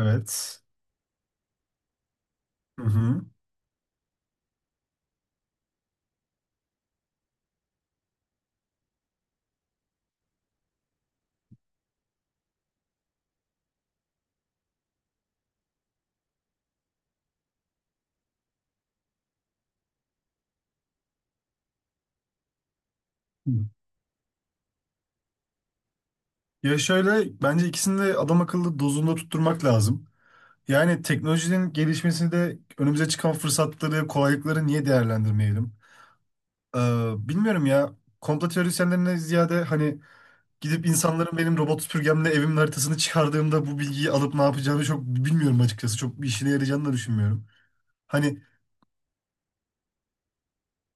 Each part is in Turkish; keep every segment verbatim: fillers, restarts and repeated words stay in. Evet. Hı hı. Ya şöyle bence ikisini de adam akıllı dozunda tutturmak lazım. Yani teknolojinin gelişmesini de önümüze çıkan fırsatları, kolaylıkları niye değerlendirmeyelim? Ee, Bilmiyorum ya. Komplo teorisyenlerine ziyade hani gidip insanların benim robot süpürgemle evimin haritasını çıkardığımda bu bilgiyi alıp ne yapacağını çok bilmiyorum açıkçası. Çok bir işine yarayacağını da düşünmüyorum. Hani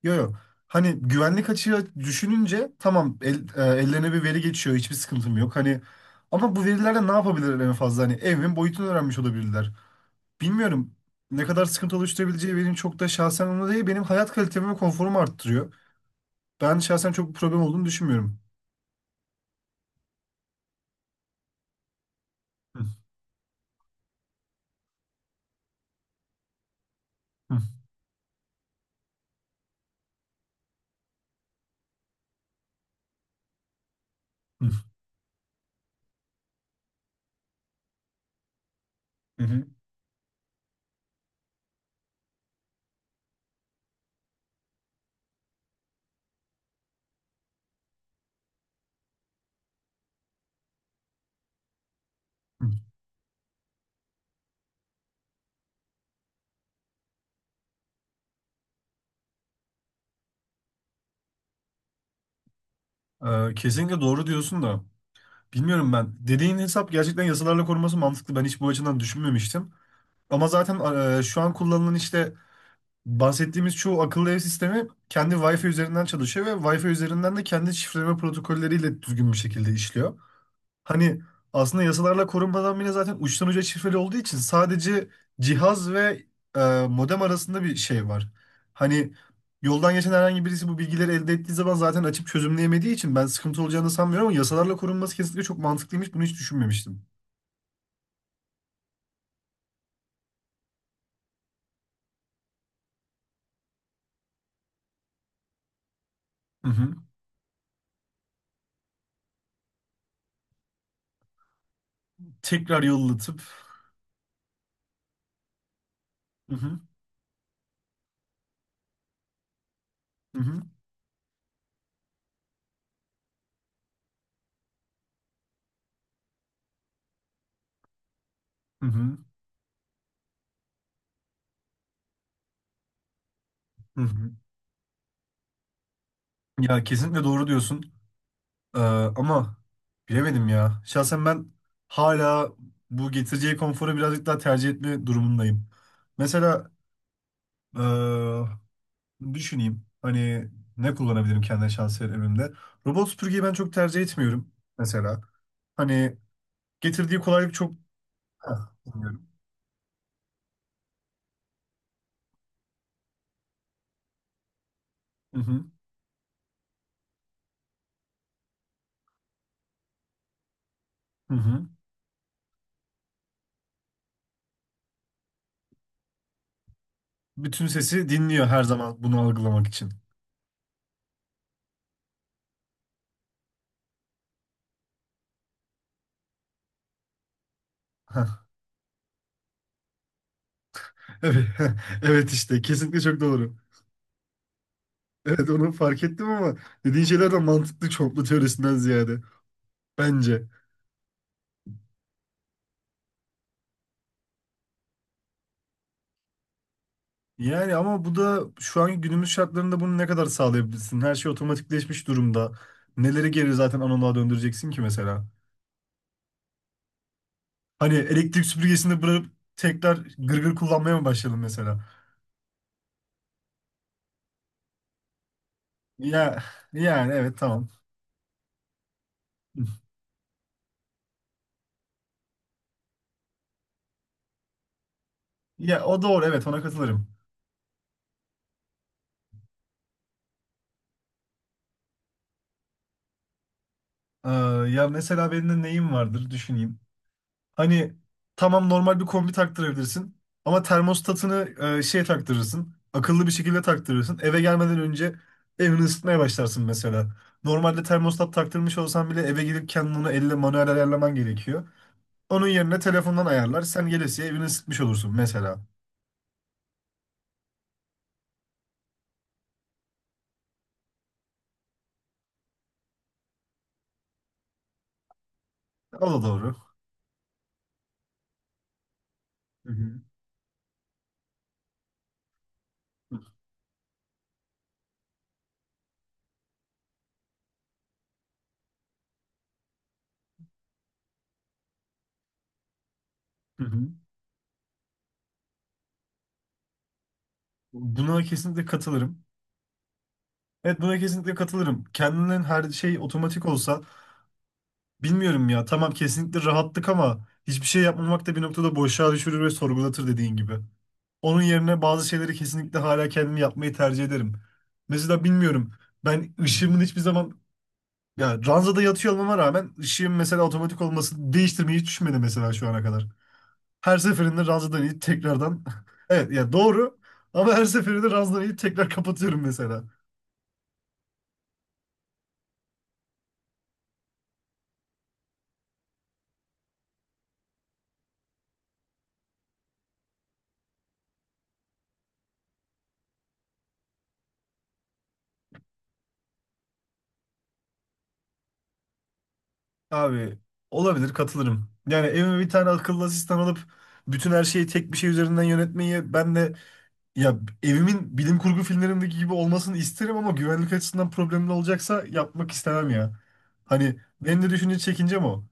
Yo yo. Hani güvenlik açığı düşününce tamam el, e, ellerine bir veri geçiyor, hiçbir sıkıntım yok. Hani ama bu verilerle ne yapabilirler en fazla? Hani evimin boyutunu öğrenmiş olabilirler. Bilmiyorum ne kadar sıkıntı oluşturabileceği benim çok da şahsen onu değil, benim hayat kalitemi ve konforumu arttırıyor. Ben şahsen çok bir problem olduğunu düşünmüyorum. Hı, hı, hı, hı, hı, hı. Ee, kesinlikle doğru diyorsun da. Bilmiyorum ben. Dediğin hesap gerçekten yasalarla korunması mantıklı. Ben hiç bu açıdan düşünmemiştim. Ama zaten e, şu an kullanılan işte bahsettiğimiz çoğu akıllı ev sistemi kendi Wi-Fi üzerinden çalışıyor ve Wi-Fi üzerinden de kendi şifreleme protokolleriyle düzgün bir şekilde işliyor. Hani aslında yasalarla korunmadan bile zaten uçtan uca şifreli olduğu için sadece cihaz ve e, modem arasında bir şey var. Hani yoldan geçen herhangi birisi bu bilgileri elde ettiği zaman zaten açıp çözümleyemediği için ben sıkıntı olacağını sanmıyorum, ama yasalarla korunması kesinlikle çok mantıklıymış. Bunu hiç düşünmemiştim. Hı hı. Tekrar yollatıp. Hı hı. Hı hı. Hı hı. Hı hı. Ya kesinlikle doğru diyorsun. Ee, Ama bilemedim ya. Şahsen ben hala bu getireceği konforu birazcık daha tercih etme durumundayım. Mesela ee, düşüneyim. Hani ne kullanabilirim kendime şahsen evimde. Robot süpürgeyi ben çok tercih etmiyorum mesela. Hani getirdiği kolaylık çok... Heh, dinliyorum. Hı hı, hı hı. Bütün sesi dinliyor her zaman bunu algılamak için. Heh, evet, evet işte kesinlikle çok doğru. Evet onu fark ettim ama dediğin şeyler de mantıklı çoğunluk teorisinden ziyade. Bence. Yani ama bu da şu anki günümüz şartlarında bunu ne kadar sağlayabilirsin? Her şey otomatikleşmiş durumda. Neleri geri zaten analoğa döndüreceksin ki mesela? Hani elektrik süpürgesini bırakıp tekrar gırgır kullanmaya mı başlayalım mesela? Ya yani evet tamam. Ya o doğru, evet ona katılırım. Ee, Ya mesela benim de neyim vardır düşüneyim. Hani tamam normal bir kombi taktırabilirsin ama termostatını e, şey taktırırsın. Akıllı bir şekilde taktırırsın. Eve gelmeden önce evini ısıtmaya başlarsın mesela. Normalde termostat taktırmış olsan bile eve gidip kendini onu elle manuel ayarlaman gerekiyor. Onun yerine telefondan ayarlar. Sen gelesiye evini ısıtmış olursun mesela. O da doğru. Hı hı. Hı hı. Buna kesinlikle katılırım. Evet buna kesinlikle katılırım. Kendinin her şey otomatik olsa bilmiyorum ya. Tamam kesinlikle rahatlık, ama hiçbir şey yapmamak da bir noktada boşluğa düşürür ve sorgulatır dediğin gibi. Onun yerine bazı şeyleri kesinlikle hala kendim yapmayı tercih ederim. Mesela bilmiyorum. Ben ışığımın hiçbir zaman ya ranzada yatıyor olmama rağmen ışığım mesela otomatik olması değiştirmeyi hiç düşünmedi mesela şu ana kadar. Her seferinde ranzadan inip tekrardan evet ya doğru, ama her seferinde ranzadan inip tekrar kapatıyorum mesela. Abi olabilir, katılırım. Yani evime bir tane akıllı asistan alıp bütün her şeyi tek bir şey üzerinden yönetmeyi ben de ya evimin bilim kurgu filmlerindeki gibi olmasını isterim, ama güvenlik açısından problemli olacaksa yapmak istemem ya. Hani benim de düşünce çekincem o.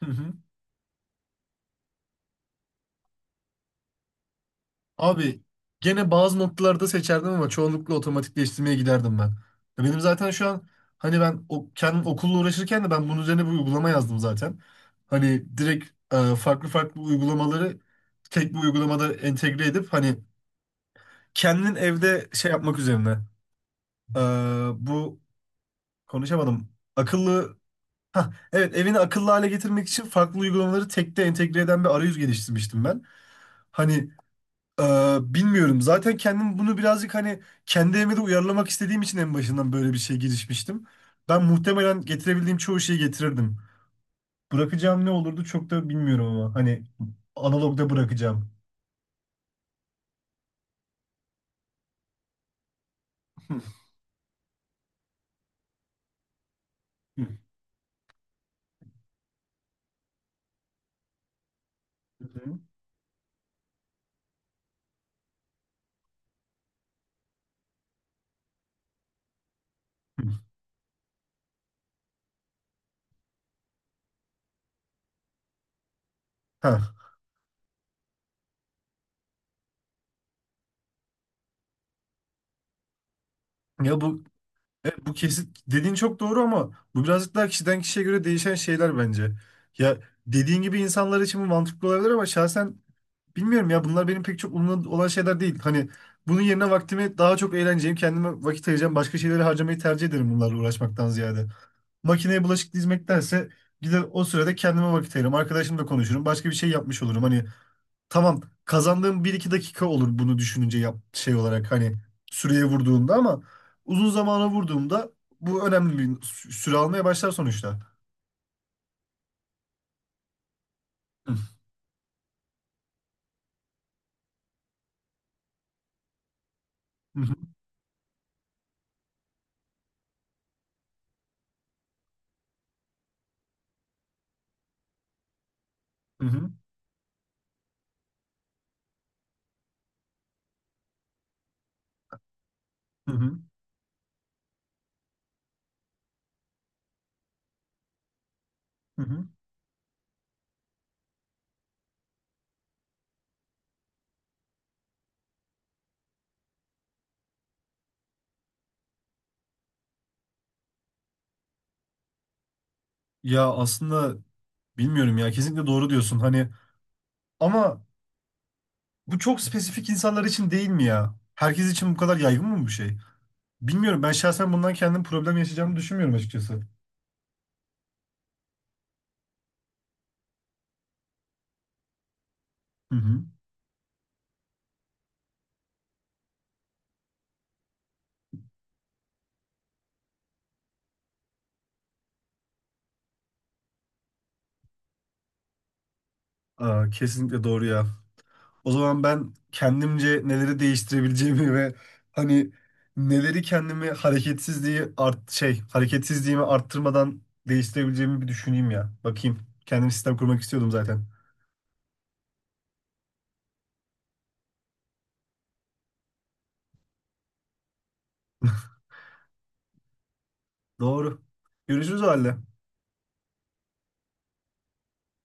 Abi gene bazı noktalarda seçerdim ama çoğunlukla otomatikleştirmeye giderdim ben. Ya benim zaten şu an hani ben o, kendim okulla uğraşırken de ben bunun üzerine bir uygulama yazdım zaten. Hani direkt e, farklı farklı uygulamaları tek bir uygulamada entegre edip hani kendin evde şey yapmak üzerine. E, Bu konuşamadım. Akıllı. Hah, evet evini akıllı hale getirmek için farklı uygulamaları tekte entegre eden bir arayüz geliştirmiştim ben. Hani Ee, bilmiyorum. Zaten kendim bunu birazcık hani kendi evime de uyarlamak istediğim için en başından böyle bir şey girişmiştim. Ben muhtemelen getirebildiğim çoğu şeyi getirirdim. Bırakacağım ne olurdu çok da bilmiyorum ama hani analogda bırakacağım. Hı, hı, hı, hı. Ha. Ya bu e, bu kesin dediğin çok doğru, ama bu birazcık daha kişiden kişiye göre değişen şeyler bence. Ya dediğin gibi insanlar için bu mantıklı olabilir ama şahsen bilmiyorum ya, bunlar benim pek çok umurumda olan şeyler değil. Hani bunun yerine vaktimi daha çok eğleneceğim, kendime vakit ayıracağım, başka şeyleri harcamayı tercih ederim bunlarla uğraşmaktan ziyade. Makineye bulaşık dizmektense gider o sürede kendime vakit ayırırım, arkadaşımla konuşurum, başka bir şey yapmış olurum. Hani tamam kazandığım bir iki dakika olur bunu düşününce yap şey olarak hani süreye vurduğumda, ama uzun zamana vurduğumda bu önemli bir sü- süre almaya başlar sonuçta. Hı hı hı hı hı hı. Ya aslında bilmiyorum ya, kesinlikle doğru diyorsun hani, ama bu çok spesifik insanlar için değil mi ya? Herkes için bu kadar yaygın mı bu şey? Bilmiyorum ben şahsen bundan kendim problem yaşayacağımı düşünmüyorum açıkçası. Hı hı. Aa, kesinlikle doğru ya. O zaman ben kendimce neleri değiştirebileceğimi ve hani neleri kendimi hareketsizliği art şey hareketsizliğimi arttırmadan değiştirebileceğimi bir düşüneyim ya. Bakayım. Kendim sistem kurmak istiyordum zaten. Doğru. Görüşürüz o halde.